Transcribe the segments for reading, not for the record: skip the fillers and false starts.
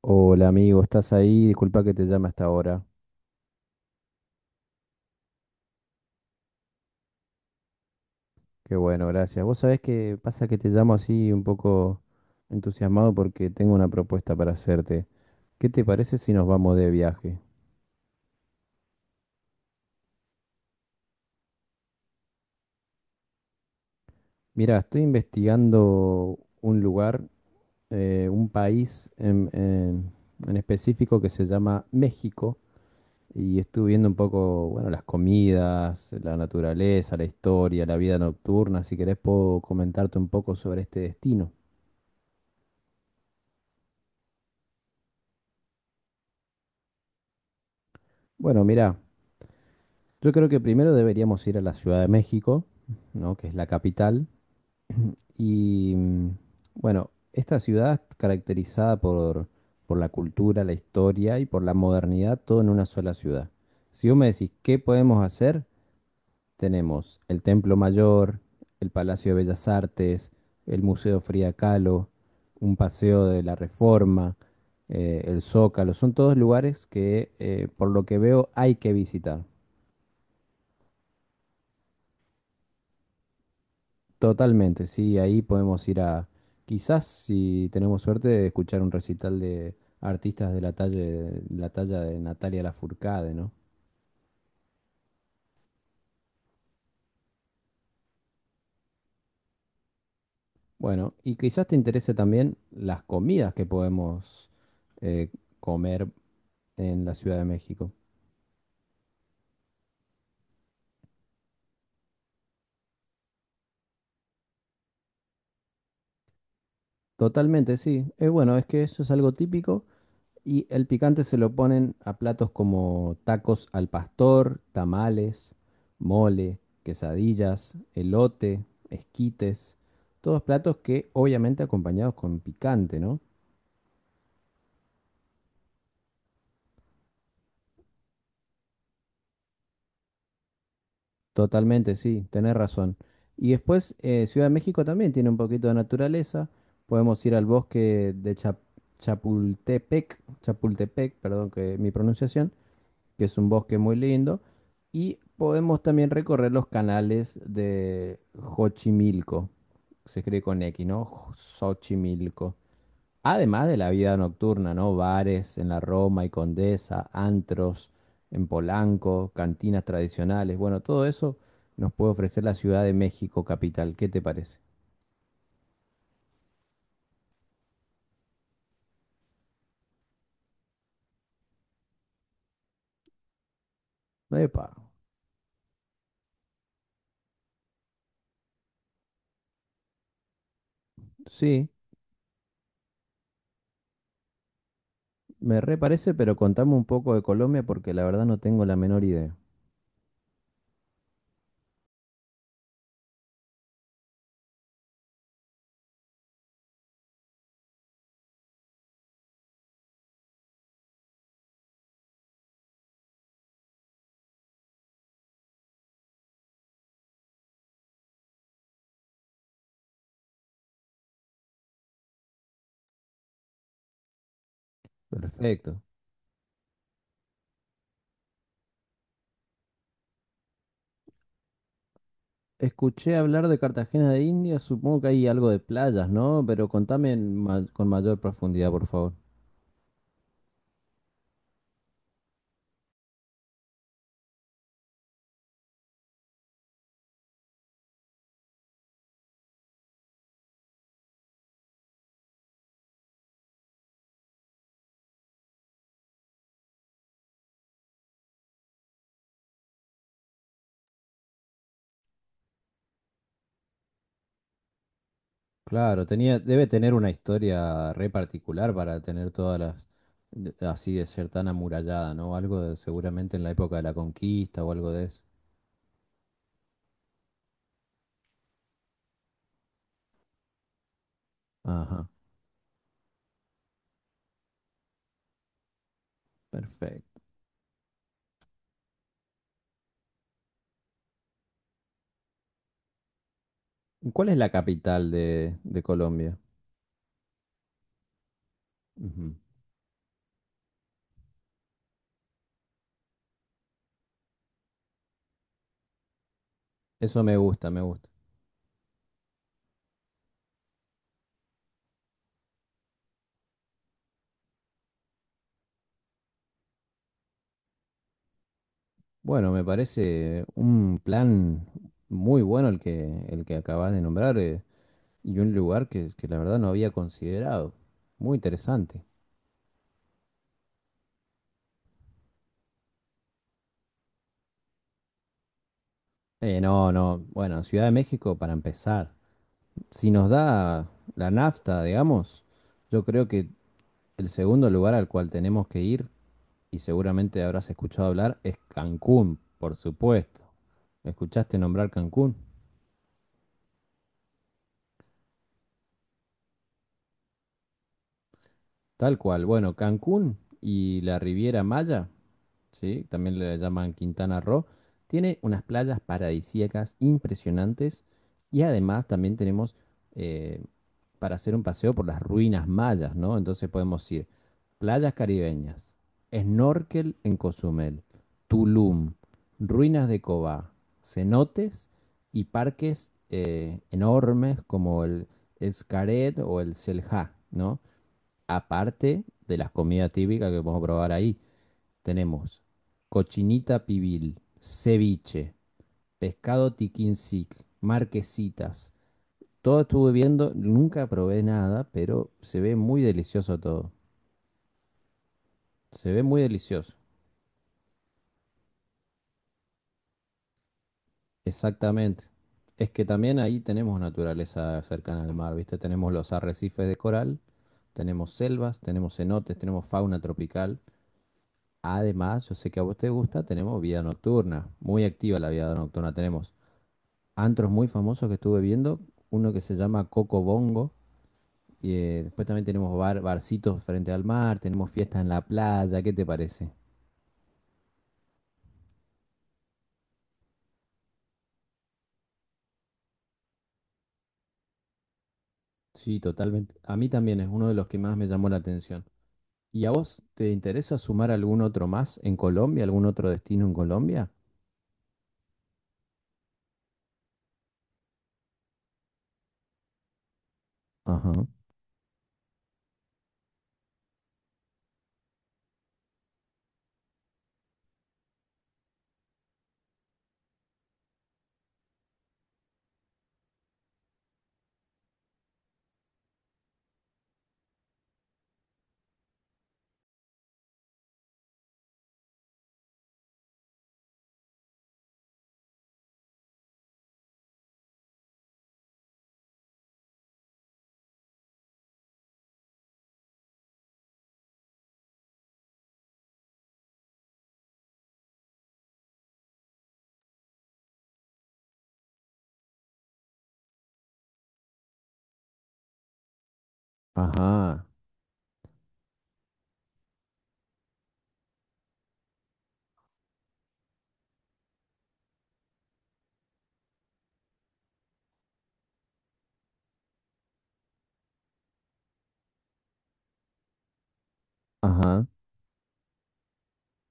Hola amigo, ¿estás ahí? Disculpa que te llame hasta ahora. Qué bueno, gracias. Vos sabés que pasa que te llamo así un poco entusiasmado porque tengo una propuesta para hacerte. ¿Qué te parece si nos vamos de viaje? Mira, estoy investigando un lugar, un país en específico que se llama México y estuve viendo un poco, bueno, las comidas, la naturaleza, la historia, la vida nocturna. Si querés puedo comentarte un poco sobre este destino. Bueno, mira. Yo creo que primero deberíamos ir a la Ciudad de México, ¿no? Que es la capital. Y mm, bueno, esta ciudad es caracterizada por la cultura, la historia y por la modernidad, todo en una sola ciudad. Si vos me decís, ¿qué podemos hacer? Tenemos el Templo Mayor, el Palacio de Bellas Artes, el Museo Frida Kahlo, un paseo de la Reforma, el Zócalo. Son todos lugares que, por lo que veo, hay que visitar. Totalmente, sí, ahí quizás si tenemos suerte, escuchar un recital de artistas la talla de Natalia Lafourcade, ¿no? Bueno, y quizás te interese también las comidas que podemos eh, comer en la Ciudad de México. Totalmente, sí. Es bueno, es que eso es algo típico. Y el picante se lo ponen a platos como tacos al pastor, tamales, mole, quesadillas, elote, esquites. Todos platos que obviamente acompañados con picante, ¿no? Totalmente, sí, tenés razón. Y después Ciudad de México también tiene un poquito de naturaleza. Podemos ir al Chapultepec, perdón que mi pronunciación, que es un bosque muy lindo, y podemos también recorrer los canales de Xochimilco, se escribe con X, ¿no? Xochimilco. Además de la vida nocturna, ¿no? Bares en la Roma y Condesa, antros en Polanco, cantinas tradicionales, bueno, todo eso nos puede ofrecer la Ciudad de México capital, ¿qué te parece? Epa, sí, me reparece, pero contame un poco de Colombia porque la verdad no tengo la menor idea. Perfecto. Escuché hablar de Cartagena de Indias, supongo que hay algo de playas, ¿no? Pero contame con mayor profundidad, por favor. Claro, tenía, debe tener una historia re particular para tener así de ser tan amurallada, ¿no? Seguramente en la época de la conquista o algo de eso. Ajá, perfecto. ¿Cuál es la capital de Colombia? Ujú. Eso me gusta, me gusta. Bueno, me parece un plan muy bueno el que acabas de nombrar. Y un lugar que la verdad no había considerado. Muy interesante. No, no. Bueno, Ciudad de México para empezar. Si nos da la nafta, digamos, yo creo que el segundo lugar al cual tenemos que ir, y seguramente habrás escuchado hablar, es Cancún, por supuesto. ¿Escuchaste nombrar Cancún? Tal cual. Bueno, Cancún y la Riviera Maya, ¿sí? También le llaman Quintana Roo. Tiene unas playas paradisíacas impresionantes y además también tenemos eh, para hacer un paseo por las ruinas mayas, ¿no? Entonces podemos ir playas caribeñas, snorkel en Cozumel, Tulum, ruinas de Cobá, cenotes y parques enormes como el Xcaret o el Selja, ¿no? Aparte de las comidas típicas que podemos probar ahí. Tenemos cochinita pibil, ceviche, pescado tiquín marquesitas. Todo estuve viendo, nunca probé nada, pero se ve muy delicioso todo. Se ve muy delicioso. Exactamente. Es que también ahí tenemos naturaleza cercana al mar, ¿viste? Tenemos los arrecifes de coral, tenemos selvas, tenemos cenotes, tenemos fauna tropical. Además, yo sé que a vos te gusta, tenemos vida nocturna, muy activa la vida nocturna. Tenemos antros muy famosos que estuve viendo, uno que se llama Coco Bongo, y después también tenemos barcitos frente al mar, tenemos fiestas en la playa, ¿qué te parece? Sí, totalmente. A mí también es uno de los que más me llamó la atención. ¿Y a vos te interesa sumar algún otro más en Colombia, algún otro destino en Colombia? Ajá, ajá, ajá,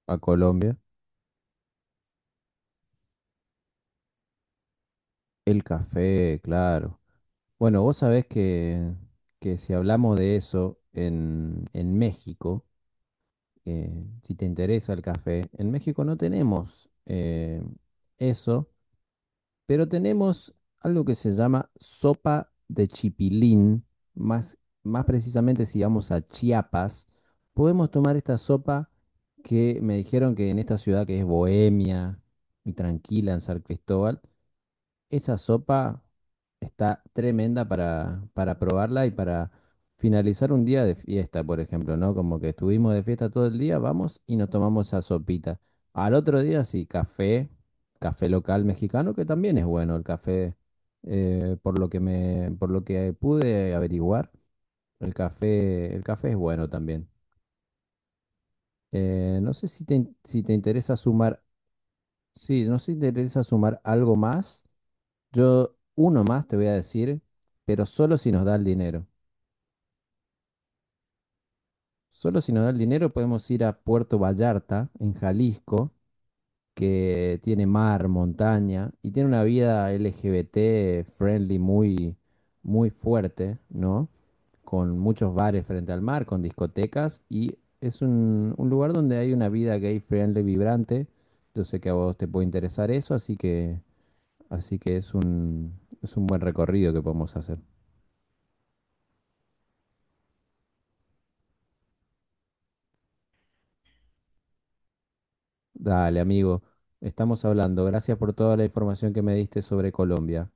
a Colombia. El café, claro. Bueno, vos sabés que si hablamos de eso en México, que si te interesa el café, en México no tenemos eso, pero tenemos algo que se llama sopa de chipilín, más, más precisamente si vamos a Chiapas, podemos tomar esta sopa que me dijeron que en esta ciudad que es bohemia y tranquila en San Cristóbal, esa sopa está tremenda para probarla y para finalizar un día de fiesta, por ejemplo, ¿no? Como que estuvimos de fiesta todo el día, vamos y nos tomamos esa sopita. Al otro día sí, café, café local mexicano, que también es bueno el café, por lo que me, por lo que pude averiguar, el café es bueno también. No sé si te, in- si te interesa sumar, sí, no sé si te interesa sumar algo más. Yo uno más te voy a decir, pero solo si nos da el dinero. Solo si nos da el dinero podemos ir a Puerto Vallarta, en Jalisco, que tiene mar, montaña y tiene una vida LGBT friendly muy fuerte, ¿no? Con muchos bares frente al mar, con discotecas y es un lugar donde hay una vida gay friendly vibrante. Yo sé que a vos te puede interesar eso, así que es es un buen recorrido que podemos hacer. Dale, amigo. Estamos hablando. Gracias por toda la información que me diste sobre Colombia.